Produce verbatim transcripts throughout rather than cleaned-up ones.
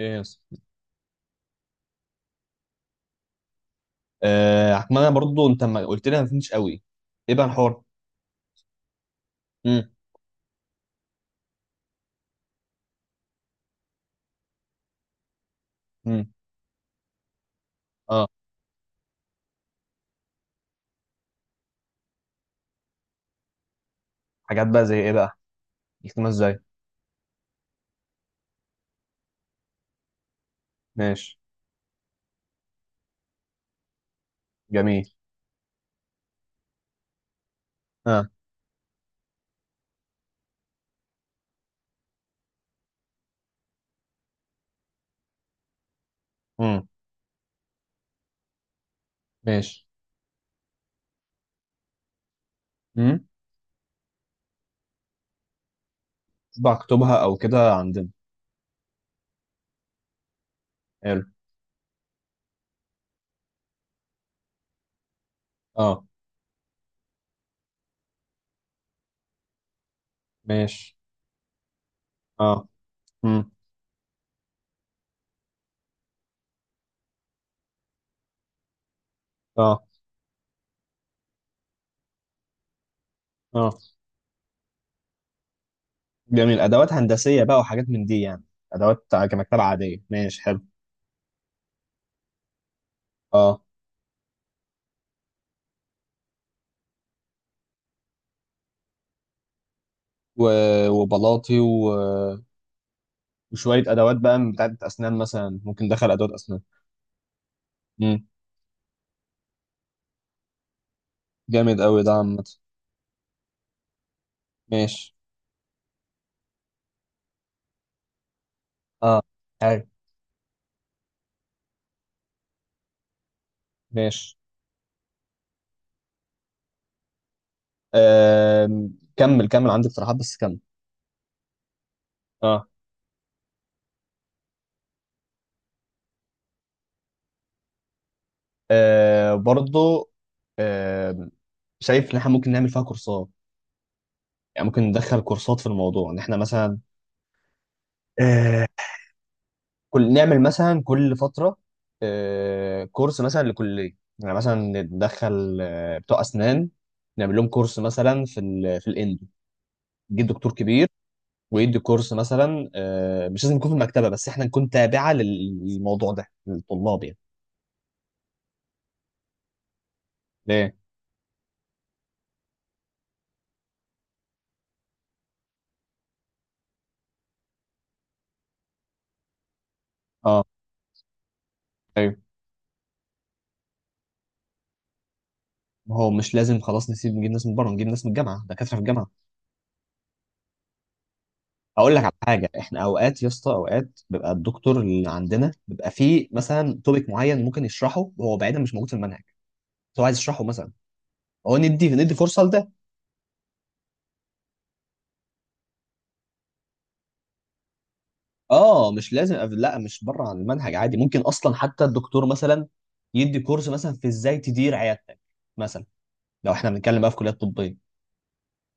ايه يس. آه أحمد، انا برضو، انت ما قلت لي، ما فهمتش قوي. ايه بقى الحوار؟ امم امم اه حاجات بقى زي ايه بقى؟ يكتبها ازاي؟ ماشي. جميل. اه. امم ماشي. امم بقى اكتبها او كده عندنا. حلو. اه. ماشي. اه. امم اه. اه. جميل، ادوات هندسيه بقى وحاجات من دي يعني. ادوات كمكتبه عاديه، ماشي حلو. اه. و... وبلاطي و... وشويه ادوات بقى بتاعت اسنان، مثلا ممكن دخل ادوات اسنان. امم جامد قوي ده، عامه. ماشي. اه. حلو. ماشي. آم، كمل كمل، عندي اقتراحات بس كمل. اه. آه، برضو. آم، شايف ان احنا ممكن نعمل فيها كورسات. يعني ممكن ندخل كورسات في الموضوع، ان احنا مثلا، آه، كل نعمل مثلا كل فترة، آه، كورس مثلا لكلية، يعني مثلا ندخل آه، بتوع أسنان، نعمل لهم كورس مثلا في ال في الاندو، يجي دكتور كبير ويدي كورس مثلا. آه، مش لازم يكون في المكتبة، بس احنا نكون تابعة لل- للموضوع ده، للطلاب يعني. ليه؟ اه. ايوه. ما هو مش لازم، خلاص نسيب، نجيب ناس من بره، نجيب ناس من الجامعه، دكاتره في الجامعه. اقول لك على حاجه، احنا اوقات يا اسطى، اوقات بيبقى الدكتور اللي عندنا بيبقى فيه مثلا توبيك معين ممكن يشرحه، وهو بعيدا مش موجود في المنهج، بس هو عايز يشرحه مثلا. هو ندي ندي فرصه لده. اه مش لازم أف- لا، مش بره عن المنهج، عادي ممكن اصلا حتى الدكتور مثلا يدي كورس مثلا في ازاي تدير عيادتك مثلا، لو احنا بنتكلم بقى في كليات طبيه.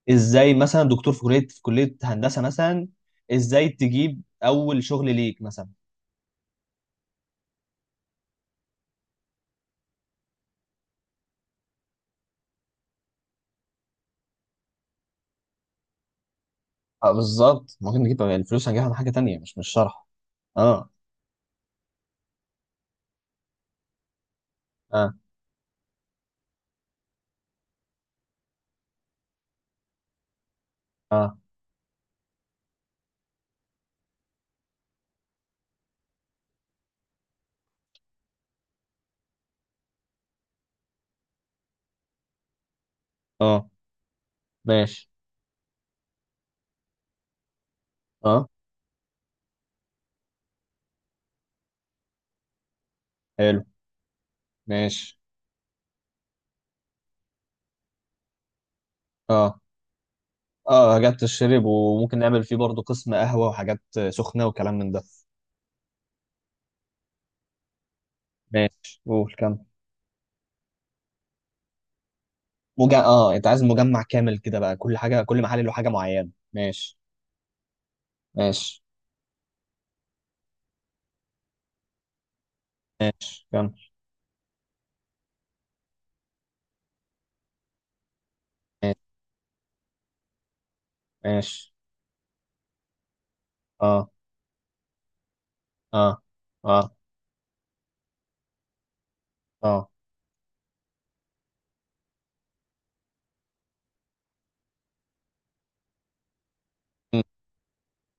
ازاي مثلا دكتور في كليه في كليه هندسه مثلا، ازاي تجيب اول شغل ليك مثلا. اه بالظبط، ممكن نجيب الفلوس هنجيبها من حاجة تانية، مش مش شرح. اه. اه. اه. اه. ماشي. اه. حلو. ماشي. اه. اه حاجات تشرب، وممكن نعمل فيه برضه قسم قهوة وحاجات سخنة وكلام من ده. ماشي، قول كمل. مجا... اه انت عايز مجمع كامل كده بقى، كل حاجة كل محل له حاجة معينة، ماشي. ماشي كمل. ماشي. ماشي. اه. اه. اه. اه. م.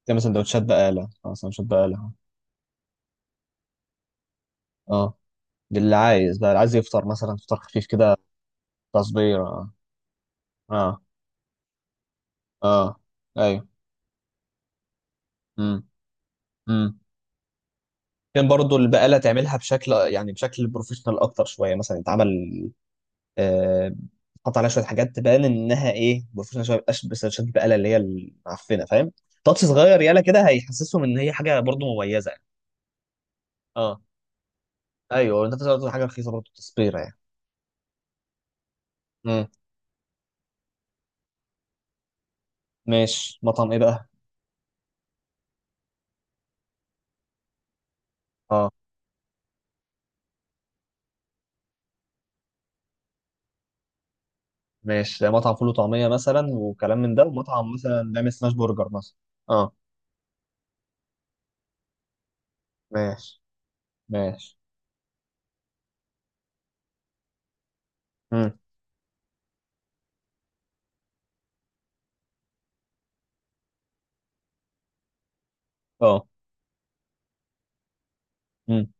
تعمل سندوتشات بقالة، اه سندوتشات بقالة. اه ده اللي عايز بقى، اللي عايز يفطر مثلا فطار خفيف كده. تصبير اه. اه. اه. ايوه. امم امم كان برضو البقالة تعملها بشكل، يعني بشكل بروفيشنال اكتر شويه، مثلا يتعمل آه حط عليها شويه حاجات تبان انها ايه بروفيشنال شويه، مبقاش بس شد البقاله اللي هي المعفنه، فاهم. تاتش صغير يالا كده، هيحسسهم ان هي حاجه برضو مميزه يعني. اه ايوه، انت بتقول حاجه رخيصه برضو تصبيره يعني. امم ماشي، مطعم ايه بقى؟ اه ماشي، مطعم فول وطعميه مثلا وكلام من ده، ومطعم مثلا بيعمل سماش برجر مثلا. اه. ماشي. ماشي. مم. اه. امم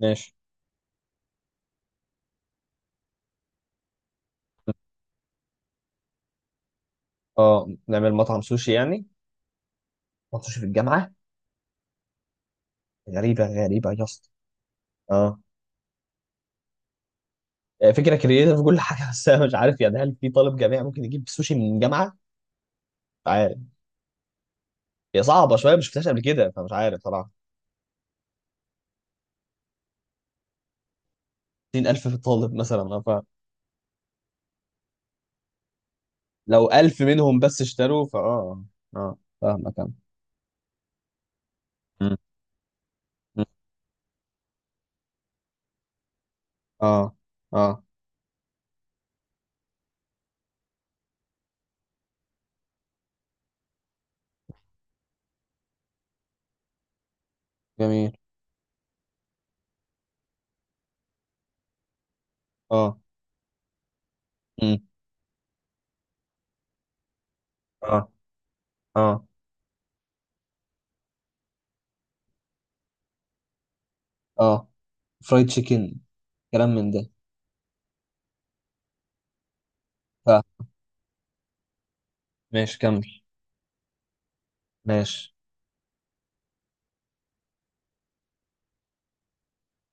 ماشي. اه نعمل مطعم سوشي يعني. مطعم سوشي في الجامعه؟ غريبه غريبه يا اسطى. اه. آه، فكره كرييتيف كل حاجه، بس انا مش عارف يعني، هل في طالب جامعي ممكن يجيب سوشي من الجامعه؟ مش عارف. هي صعبه شويه، مش شفتهاش قبل كده فمش عارف صراحه. ستين ألف في الطالب مثلا، آه، ف- لو ألف منهم بس اشتروا فاه اه. آه، فاهمك انا. مم. مم. اه. اه. جميل. اه. مم. اه. اه. اه. فرايد تشيكن. كلام من ده. ف ماشي كمل. ماشي.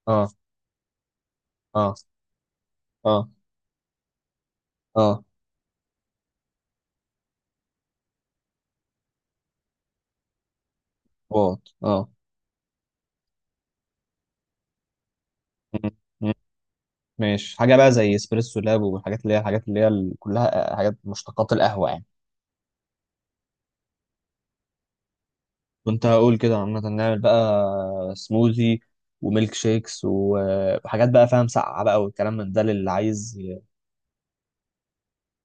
اه. اه. اه. اه. واط اه. مم. مم. ماشي، حاجه بقى زي اسبريسو لاب، والحاجات اللي هي، الحاجات اللي هي ال- كلها آه، حاجات مشتقات القهوه يعني. كنت هقول كده، عامه نعمل بقى سموذي وميلك شيكس و- وحاجات بقى فاهم ساقعه بقى، والكلام من ده للي عايز ي-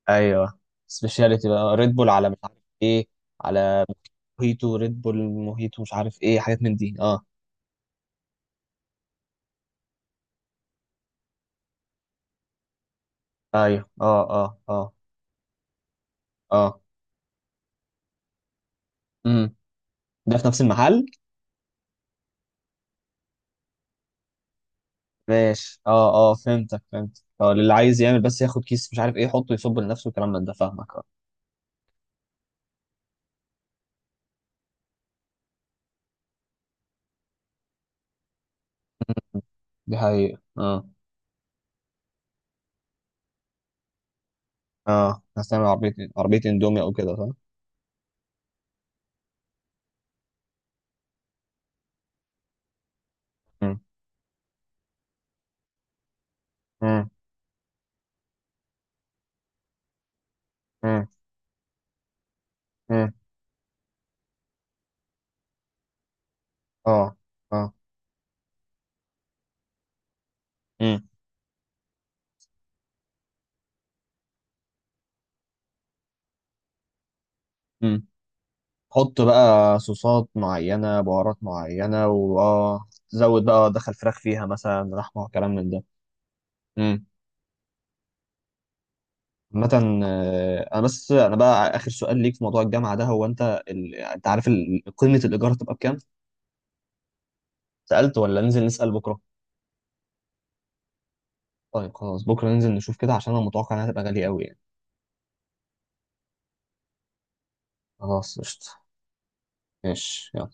ايوه، سبيشاليتي بقى ريد بول، على مش عارف ايه، على موهيتو ريد بول موهيتو مش عارف ايه، حاجات من دي اه. ايوه. اه. اه. اه. اه. امم ده في نفس المحل. ماشي. اه. اه فهمتك فهمتك اه، اللي عايز يعمل بس ياخد كيس مش عارف ايه، يحطه يصب لنفسه والكلام من ده، فاهمك اه. دي حقيقة اه. اه، هستعمل عربية عربية اندومي او كده صح؟ مم. مم. مم. مم. اه. اه. مم. مم. حط بقى صوصات معينة بهارات معينة، واه زود بقى دخل فراخ فيها مثلا لحمة وكلام من ده. مم. عامة، آه، انا بس انا بقى اخر سؤال ليك في موضوع الجامعة ده. هو انت ال... انت عارف ال... قيمة الايجار هتبقى بكام؟ سألت ولا ننزل نسأل بكرة؟ طيب خلاص، بكرة ننزل نشوف كده، عشان انا متوقع انها تبقى غالية قوي يعني. خلاص قشطة. ماشي يلا.